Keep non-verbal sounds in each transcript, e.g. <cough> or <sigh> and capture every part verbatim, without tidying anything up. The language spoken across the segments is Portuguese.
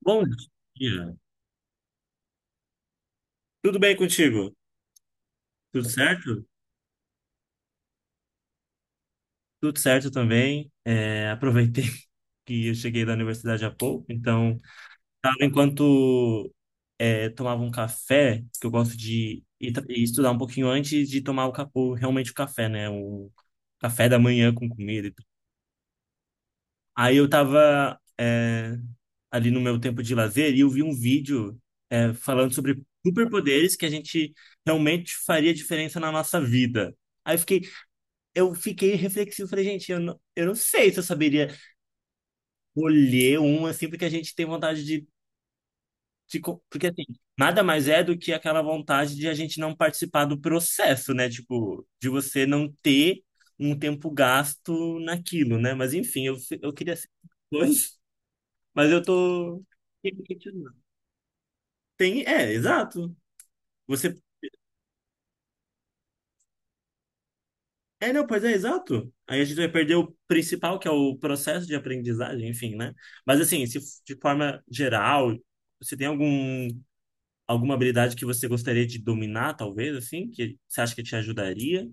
Bom dia. Tudo bem contigo? Tudo certo? Tudo certo também. É, aproveitei <laughs> que eu cheguei da universidade há pouco, então tava enquanto é, tomava um café, que eu gosto de ir tra- ir estudar um pouquinho antes de tomar o, ca- o- realmente o café, né? O café da manhã com comida e tudo. Aí eu tava é, ali no meu tempo de lazer e eu vi um vídeo é, falando sobre superpoderes que a gente realmente faria diferença na nossa vida. Aí eu fiquei, eu fiquei reflexivo, falei, gente, eu não, eu não sei se eu saberia colher um, assim, porque a gente tem vontade de, de co- Porque, assim, nada mais é do que aquela vontade de a gente não participar do processo, né? Tipo, de você não ter um tempo gasto naquilo, né? Mas, enfim, eu, fi- eu queria ser dois, mas eu tô... Tem, é, exato. Você É, não, pois é, exato. Aí a gente vai perder o principal, que é o processo de aprendizagem, enfim, né? Mas assim, se f- de forma geral, você tem algum, alguma habilidade que você gostaria de dominar, talvez, assim, que você acha que te ajudaria?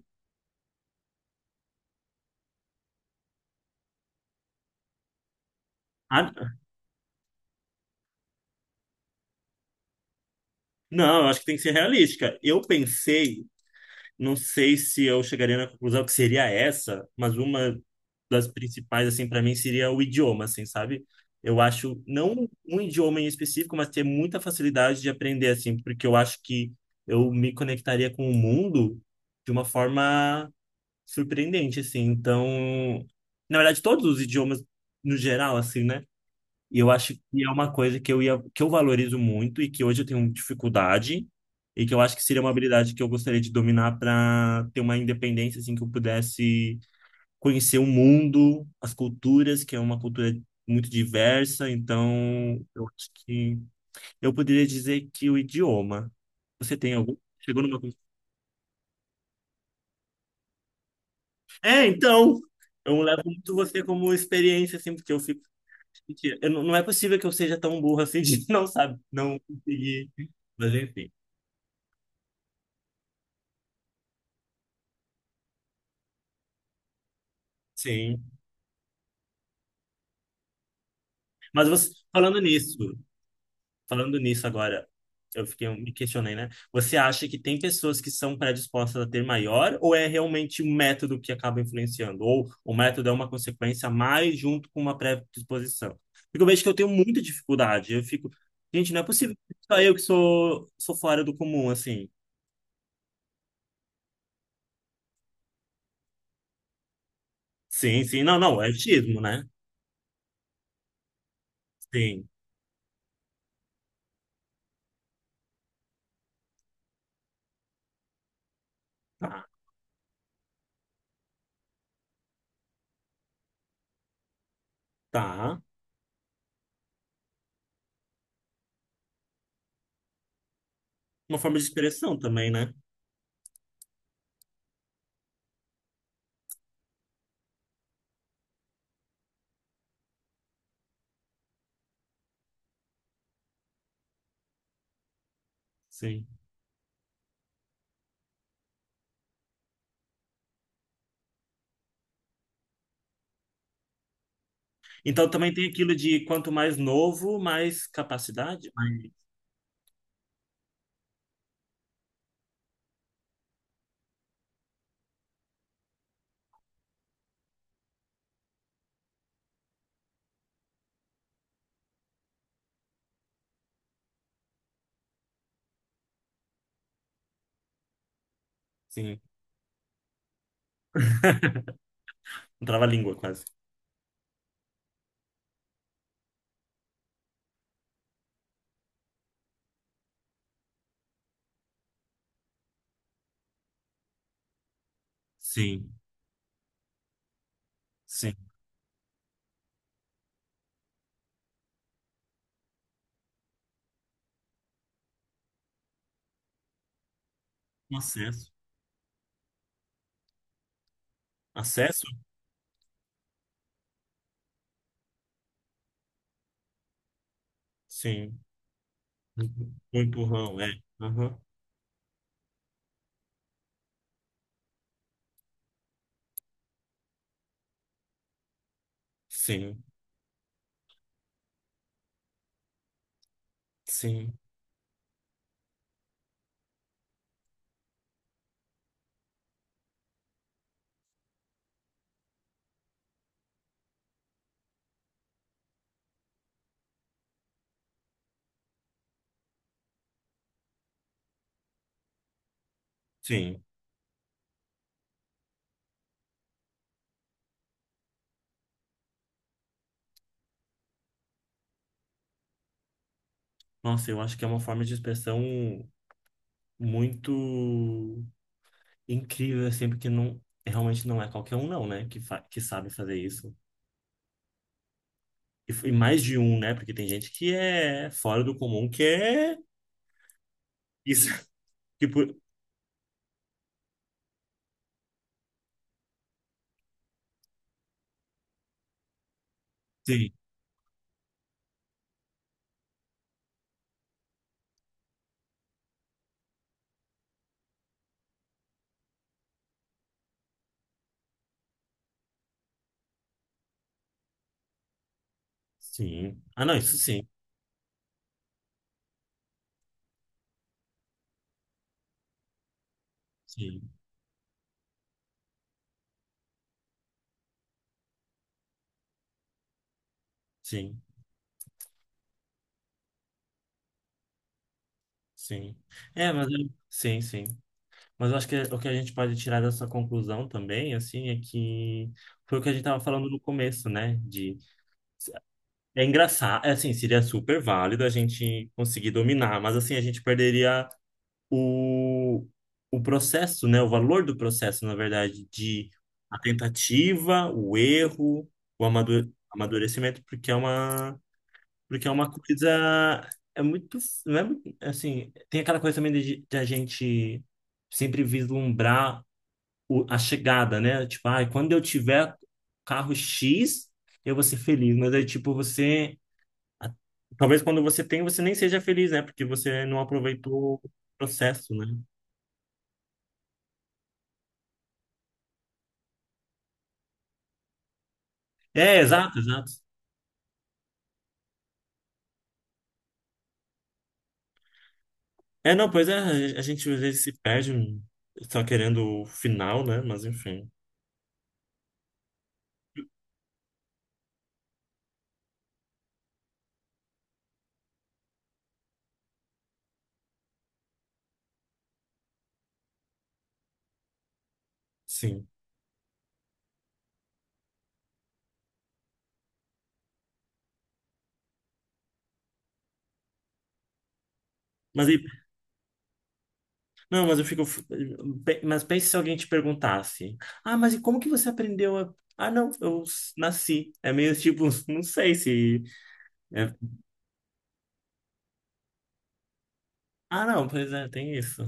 Ah, não, eu acho que tem que ser realística. Eu pensei não sei se eu chegaria na conclusão que seria essa, mas uma das principais, assim, para mim seria o idioma, assim, sabe? Eu acho, não um idioma em específico, mas ter muita facilidade de aprender, assim, porque eu acho que eu me conectaria com o mundo de uma forma surpreendente, assim. Então, na verdade, todos os idiomas no geral, assim, né? E eu acho que é uma coisa que eu ia, que eu valorizo muito e que hoje eu tenho dificuldade e que eu acho que seria uma habilidade que eu gostaria de dominar para ter uma independência assim que eu pudesse conhecer o mundo, as culturas, que é uma cultura muito diversa, então eu acho que eu poderia dizer que o idioma. Você tem algum? Chegou numa conclu- É, então, eu levo muito você como experiência assim, porque eu fico, eu não não é possível que eu seja tão burro assim <laughs> de não sabe, não conseguir mas enfim. Sim. Mas você, falando nisso, falando nisso agora, eu fiquei, eu me questionei, né? Você acha que tem pessoas que são predispostas a ter maior, ou é realmente o método que acaba influenciando? Ou o método é uma consequência mais junto com uma predisposição? Porque eu vejo que eu tenho muita dificuldade. Eu fico, gente, não é possível que só eu que sou, sou fora do comum, assim. Sim, sim. Não, não, é autismo, né? Sim. Tá, tá. Uma forma de expressão também, né? Sim. Então também tem aquilo de quanto mais novo, mais capacidade. Mais- Sim, não trava a língua quase. Sim, sim. Acesso. Acesso? Sim. Um empurrão, é. Aham. Sim, sim, sim. Nossa, eu acho que é uma forma de expressão muito incrível, assim, porque não, realmente não é qualquer um, não, né, que, fa que sabe fazer isso. E, f- e mais de um, né, porque tem gente que é fora do comum, que é isso. <laughs> Tipo, sim, Sim. Ah, não, isso sim. Sim, sim, sim. É, mas eu- sim, sim. Mas eu acho que o que a gente pode tirar dessa conclusão também, assim, é que foi o que a gente estava falando no começo, né? De é engraçado, é assim, seria super válido a gente conseguir dominar, mas assim a gente perderia o o processo, né? O valor do processo, na verdade, de a tentativa, o erro, o amadu- amadurecimento, porque é uma Porque é uma coisa. É muito. Não é muito- assim, tem aquela coisa também de, de a gente sempre vislumbrar o- a chegada, né? Tipo, ai, quando eu tiver carro X, eu vou ser feliz. Mas aí, tipo, você. A- Talvez quando você tem, você nem seja feliz, né? Porque você não aproveitou o processo, né? É, exato, exato. É, não, pois é, a gente às vezes se perde só querendo o final, né? Mas enfim, sim. Mas e Não, mas eu fico. Pe- Mas pense se alguém te perguntasse: Ah, mas e como que você aprendeu a. Ah, não, eu s- nasci. É meio tipo, <laughs> não sei se. É- Ah, não, pois é, tem isso.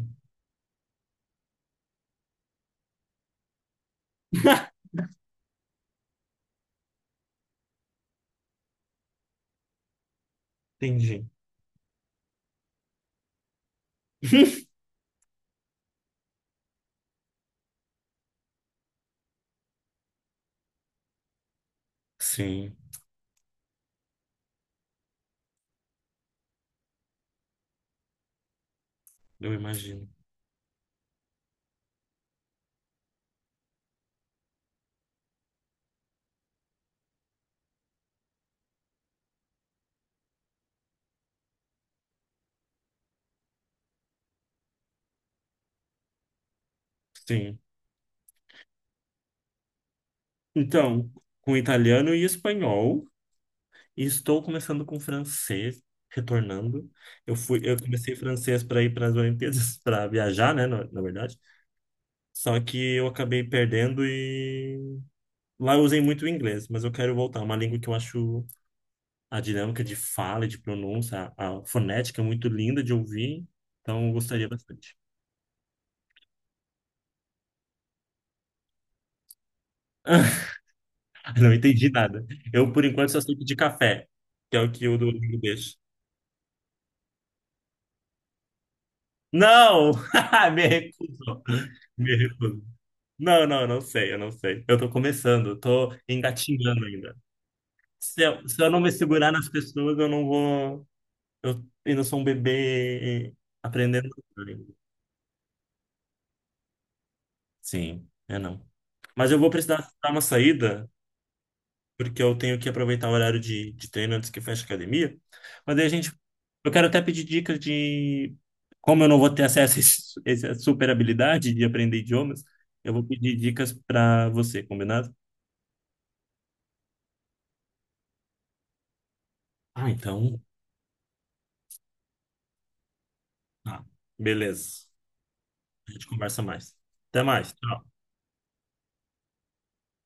<laughs> Entendi. Sim, eu imagino. Sim. Então, com italiano e espanhol, e estou começando com francês, retornando. Eu fui, eu comecei francês para ir para as Olimpíadas, <laughs> para viajar, né, na, na verdade. Só que eu acabei perdendo e Lá eu usei muito o inglês, mas eu quero voltar. É uma língua que eu acho a dinâmica de fala, e de pronúncia, a, a fonética é muito linda de ouvir. Então, eu gostaria bastante. <laughs> Não entendi nada. Eu, por enquanto, só sei pedir café, que é o que o Duolingo deixa. Não! <laughs> Me recuso. Me recuso. Não, não, eu não sei, eu não sei. Eu tô começando, eu tô engatinhando ainda. Se eu, se eu não me segurar nas pessoas, eu não vou. Eu ainda sou um bebê aprendendo. Sim, é não. Mas eu vou precisar dar uma saída, porque eu tenho que aproveitar o horário de, de treino antes que feche a academia. Mas aí a gente. Eu quero até pedir dicas de como eu não vou ter acesso a esse- essa super habilidade de aprender idiomas. Eu vou pedir dicas para você, combinado? Ah, então. Tá. Beleza. A gente conversa mais. Até mais. Tchau.